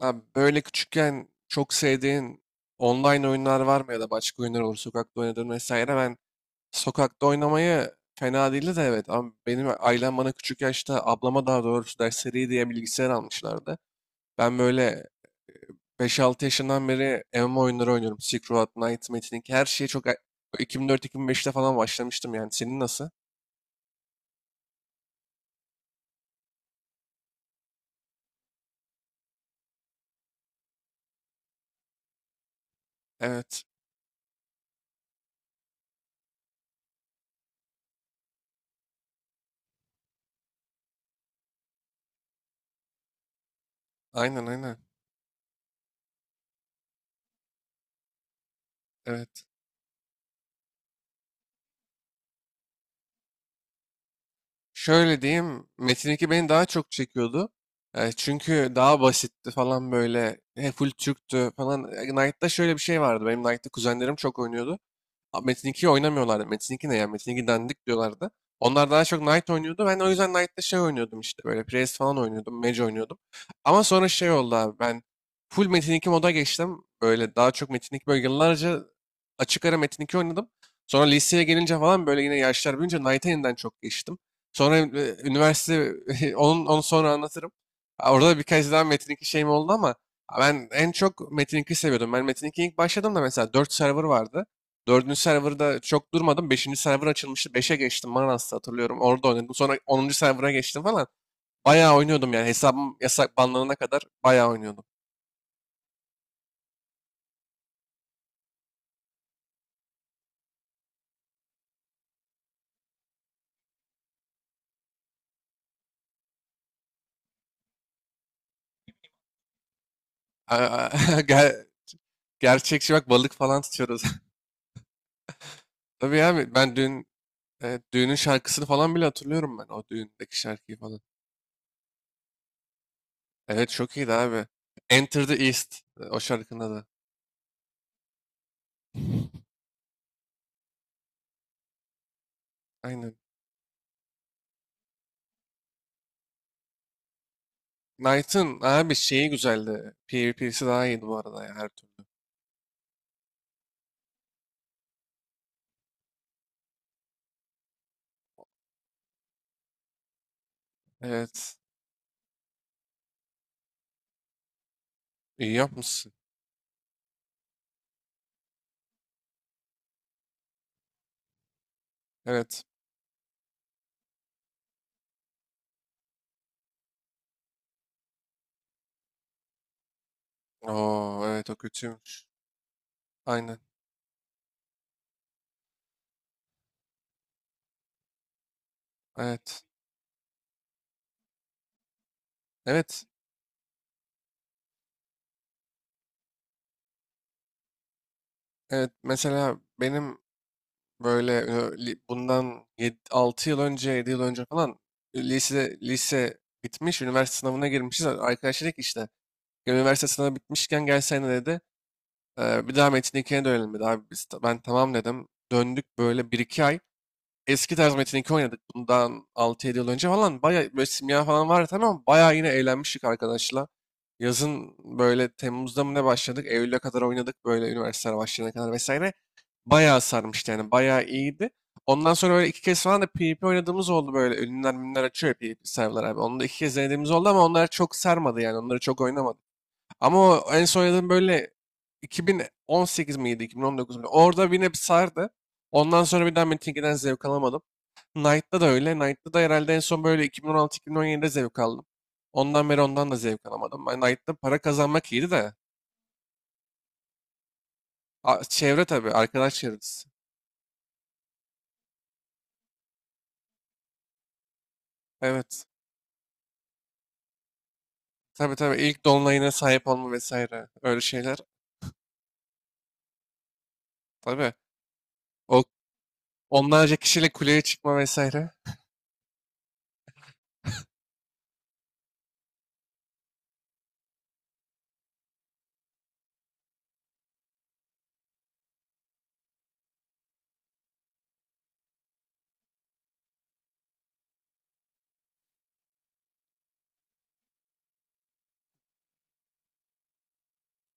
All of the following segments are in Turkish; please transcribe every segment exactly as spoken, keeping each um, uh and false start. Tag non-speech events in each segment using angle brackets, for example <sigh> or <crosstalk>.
Abi böyle küçükken çok sevdiğin online oyunlar var mı, ya da başka oyunlar, olur, sokakta oynadığın vesaire. Ben sokakta oynamayı fena değildi de evet, ama benim ailem bana küçük yaşta, ablama daha doğrusu, dersleri diye bilgisayar almışlardı. Ben böyle beş altı yaşından beri M M O oyunları oynuyorum. Silk Road, Knight, Metin Link, her şeyi çok iki bin dört iki bin beşte falan başlamıştım yani. Senin nasıl? Evet. Aynen aynen. Evet. Şöyle diyeyim, Metin iki beni daha çok çekiyordu. E, çünkü daha basitti falan böyle. E, full Türktü falan. E, Knight'ta şöyle bir şey vardı. Benim Knight'ta kuzenlerim çok oynuyordu. Abi Metin ikiyi oynamıyorlardı. Metin iki ne ya? Metin iki dandik diyorlardı. Onlar daha çok Knight oynuyordu. Ben o yüzden Knight'ta şey oynuyordum, işte böyle Priest falan oynuyordum. Mage oynuyordum. Ama sonra şey oldu abi, ben full Metin iki moda geçtim. Böyle daha çok Metin iki, böyle yıllarca açık ara Metin iki oynadım. Sonra liseye gelince falan böyle yine yaşlar büyüyünce Knight'a yeniden çok geçtim. Sonra e, üniversite <laughs> onun onu sonra anlatırım. Ha, orada da birkaç daha Metin iki şeyim oldu ama ben en çok Metin iki seviyordum. Ben Metin ikiye ilk başladım da, mesela dört server vardı. Dördüncü serverda çok durmadım. Beşinci server açılmıştı. Beşe geçtim, Manas'ta hatırlıyorum. Orada oynadım. Sonra onuncu server'a geçtim falan. Bayağı oynuyordum yani. Hesabım yasak banlanana kadar bayağı oynuyordum. <laughs> Ger- Gerçekçi bak, balık falan tutuyoruz. <laughs> Tabii abi, ben dün e, düğünün şarkısını falan bile hatırlıyorum ben. O düğündeki şarkıyı falan. Evet, çok iyiydi abi. Enter the East. e, O şarkının adı. Aynen. Knight'ın abi şeyi güzeldi. PvP'si daha iyiydi bu arada ya, her türlü. Evet. İyi yapmışsın. Evet. Oo evet, o kötüymüş. Aynen. Evet. Evet. Evet, mesela benim böyle e, li- bundan altı yıl önce, yedi yıl önce falan, lise lise bitmiş, üniversite sınavına girmişiz. Arkadaş dedi işte, "Ya üniversite sınavı bitmişken gelsene," dedi. "E, bir daha Metin ikiye dönelim," dedi. Abi biz, ben tamam dedim. Döndük böyle bir iki ay. Eski tarz Metin iki oynadık. Bundan altı yedi yıl önce falan. Bayağı böyle simya falan vardı, tamam mı? Bayağı yine eğlenmiştik arkadaşla. Yazın böyle Temmuz'da mı ne başladık? Eylül'e kadar oynadık, böyle üniversiteler başlayana kadar vesaire. Bayağı sarmıştı yani, bayağı iyiydi. Ondan sonra böyle iki kez falan da PvP oynadığımız oldu böyle. Ünlüler minler açıyor ya, PvP serverlar abi. Onu da iki kez denediğimiz oldu ama onlar çok sarmadı yani. Onları çok oynamadım. Ama o en son oynadığım böyle iki bin on sekiz miydi, iki bin on dokuz miydi? İki bin on dokuz muydu? Orada yine bir sardı. Ondan sonra bir daha Metin ikiden zevk alamadım. Knight'ta da öyle. Knight'ta da herhalde en son böyle iki bin on altı iki bin on yedide zevk aldım. Ondan beri ondan da zevk alamadım. Ben Knight'ta para kazanmak iyiydi de. A- çevre tabii, arkadaş çevresi. Evet. Tabii tabii, ilk dolunayına sahip olma vesaire. Öyle şeyler. Tabii. O, onlarca kişiyle kuleye çıkma vesaire.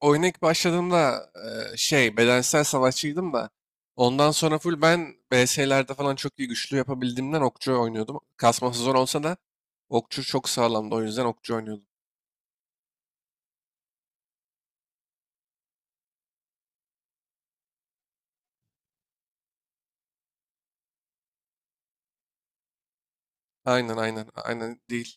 Oyuna ilk başladığımda e, şey bedensel savaşçıydım da, ondan sonra full ben B S'lerde falan çok iyi güçlü yapabildiğimden okçu oynuyordum. Kasması zor olsa da okçu çok sağlamdı, o yüzden okçu oynuyordum. Aynen aynen aynen, değil.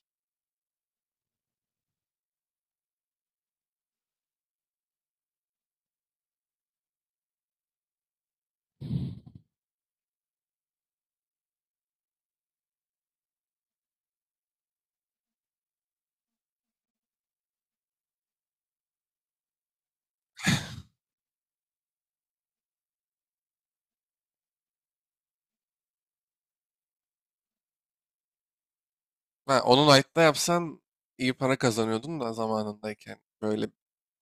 Ha, onu Knight'ta yapsan iyi para kazanıyordun da zamanındayken. Böyle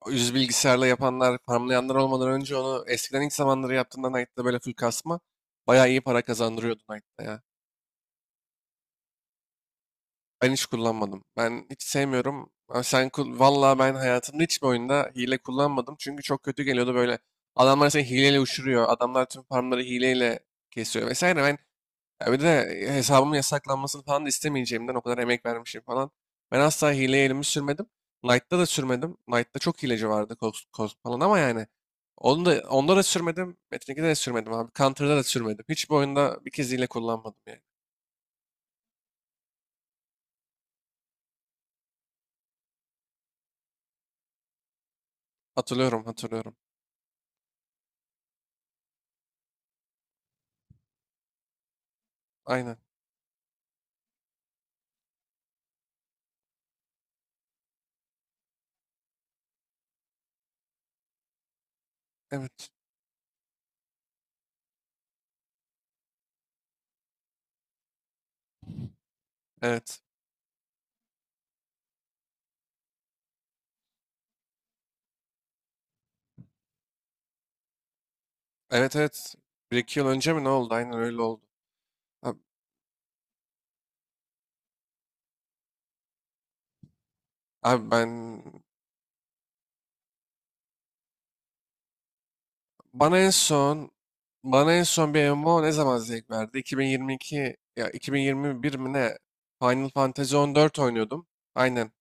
yüz bilgisayarla yapanlar, farmlayanlar olmadan önce, onu eskiden ilk zamanları yaptığında Knight'ta böyle full kasma bayağı iyi para kazandırıyordu Knight'ta ya. Ben hiç kullanmadım. Ben hiç sevmiyorum. Ama sen kul vallahi, ben hayatımda hiçbir oyunda hile kullanmadım. Çünkü çok kötü geliyordu böyle. Adamlar seni hileyle uçuruyor. Adamlar tüm farmları hileyle kesiyor vesaire. Ben, ya bir de hesabımın yasaklanmasını falan da istemeyeceğimden, o kadar emek vermişim falan. Ben asla hileye elimi sürmedim. Knight'ta da sürmedim. Knight'ta çok hileci vardı, Cost, Cost falan ama yani. Onu da, onda da sürmedim. Metin ikide de sürmedim abi. Counter'da da sürmedim. Hiçbir oyunda bir kez hile kullanmadım yani. Hatırlıyorum hatırlıyorum. Aynen. Evet. Evet. Evet evet. Bir iki yıl önce mi ne oldu? Aynen öyle oldu. Abi, abi ben bana en son bana en son bir M M O ne zaman zevk verdi? iki bin yirmi iki ya iki bin yirmi bir mi ne? Final Fantasy on dört oynuyordum. Aynen.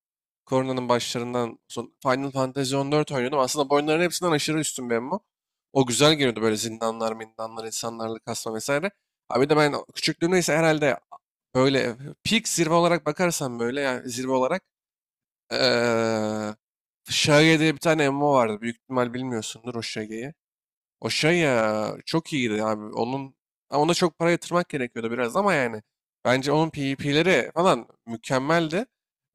Koronanın başlarından son Final Fantasy on dört oynuyordum. Aslında bu oyunların hepsinden aşırı üstün bir M M O. O O güzel geliyordu böyle, zindanlar, mindanlar, insanlarla kasma vesaire. Abi de ben küçüklüğümde ise herhalde böyle peak, zirve olarak bakarsam böyle, yani zirve olarak Eee Şage'ye diye bir tane M M O vardı. Büyük ihtimal bilmiyorsundur o Şage'yi. O şey ya, çok iyiydi abi. Onun, ama ona çok para yatırmak gerekiyordu biraz ama yani, bence onun PvP'leri falan mükemmeldi.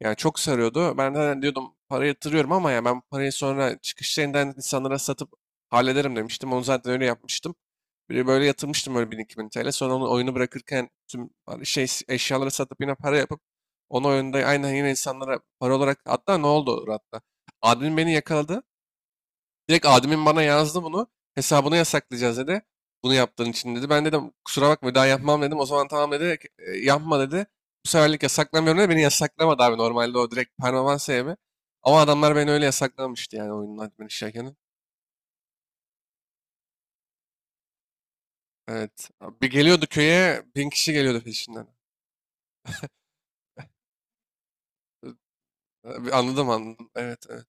Yani çok sarıyordu. Ben de hani diyordum para yatırıyorum ama, ya ben parayı sonra çıkış yerinden insanlara satıp hallederim demiştim. Onu zaten öyle yapmıştım. Bir böyle yatırmıştım böyle bin-iki bin T L. Sonra onu, oyunu bırakırken tüm şey, eşyaları satıp yine para yapıp onu oyunda aynen yine insanlara para olarak, hatta ne oldu hatta, admin beni yakaladı. Direkt admin bana yazdı bunu. Hesabını yasaklayacağız dedi. Bunu yaptığın için dedi. Ben dedim kusura bakma, bir daha yapmam dedim. O zaman tamam dedi. "E, yapma," dedi. "Bu seferlik yasaklamıyorum," dedi. Beni yasaklamadı abi, normalde o direkt permanent sevme. Ama adamlar beni öyle yasaklamıştı yani oyunun admin işlerken. Evet. Bir geliyordu köye, bin kişi geliyordu peşinden. E, anladım anladım. Evet evet.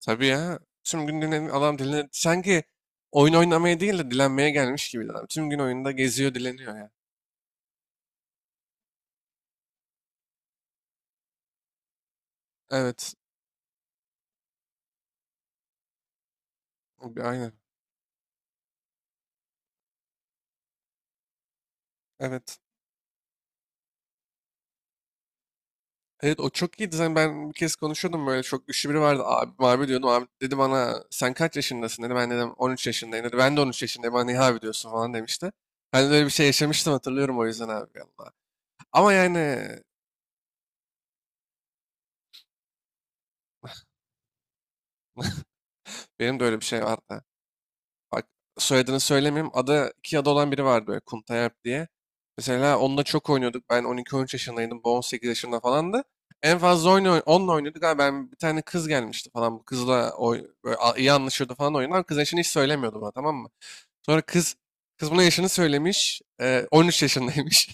Tabii ya. Tüm gün dinlen adam, dilen, sanki oyun oynamaya değil de dilenmeye gelmiş gibiydi adam. Tüm gün oyunda geziyor, dileniyor ya. Evet. Aynen. Evet. Evet, o çok iyiydi. Zaten ben bir kez konuşuyordum böyle, çok güçlü biri vardı. Abi, abi diyordum. Abi dedi bana, sen kaç yaşındasın dedi. Ben dedim on üç yaşındayım dedi. Ben de on üç yaşındayım. Bana niye abi diyorsun falan demişti. Ben de öyle bir şey yaşamıştım, hatırlıyorum o yüzden abi. Allah. Ama yani <laughs> benim de öyle bir şey vardı. Bak, soyadını söylemeyeyim. Adı iki adı olan biri vardı böyle, Kuntayalp diye. Mesela onunla çok oynuyorduk. Ben on iki on üç yaşındaydım. Bu on sekiz yaşında falandı. En fazla oyunu, onunla oynuyorduk. Abi ben, bir tane kız gelmişti falan. Bu kızla oy, böyle a- iyi anlaşıyordu falan oyunlar. Kız yaşını hiç söylemiyordu bana, tamam mı? Sonra kız kız buna yaşını söylemiş. e, on üç yaşındaymış.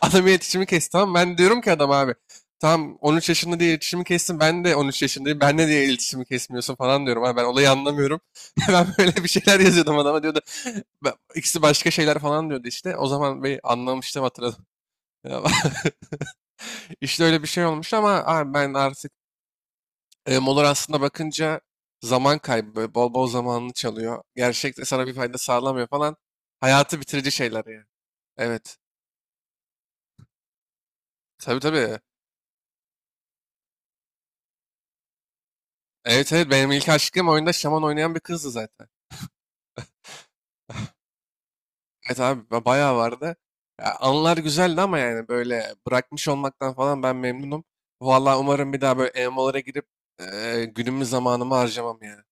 Adamın iletişimi kesti, tamam mı? Ben diyorum ki adam abi tamam on üç yaşında diye iletişimi kestin, ben de on üç yaşındayım, ben ne diye iletişimi kesmiyorsun falan diyorum. Abi ben olayı anlamıyorum. <laughs> Ben böyle bir şeyler yazıyordum adama, diyordu, "Ben- ikisi başka şeyler falan diyordu işte. O zaman bir anlamıştım, hatırladım. Ya, <laughs> İşte öyle bir şey olmuş ama abi ben artık e, Molor aslında bakınca zaman kaybı, böyle bol bol zamanını çalıyor. Gerçekte sana bir fayda sağlamıyor falan. Hayatı bitirici şeyler yani. Evet. Tabii tabii. Evet evet, benim ilk aşkım oyunda şaman oynayan bir kızdı zaten. Evet abi, ba- bayağı vardı. Ya, anılar güzeldi ama yani, böyle bırakmış olmaktan falan ben memnunum. Vallahi umarım bir daha böyle M M O'lara girip e, günümü, zamanımı harcamam yani.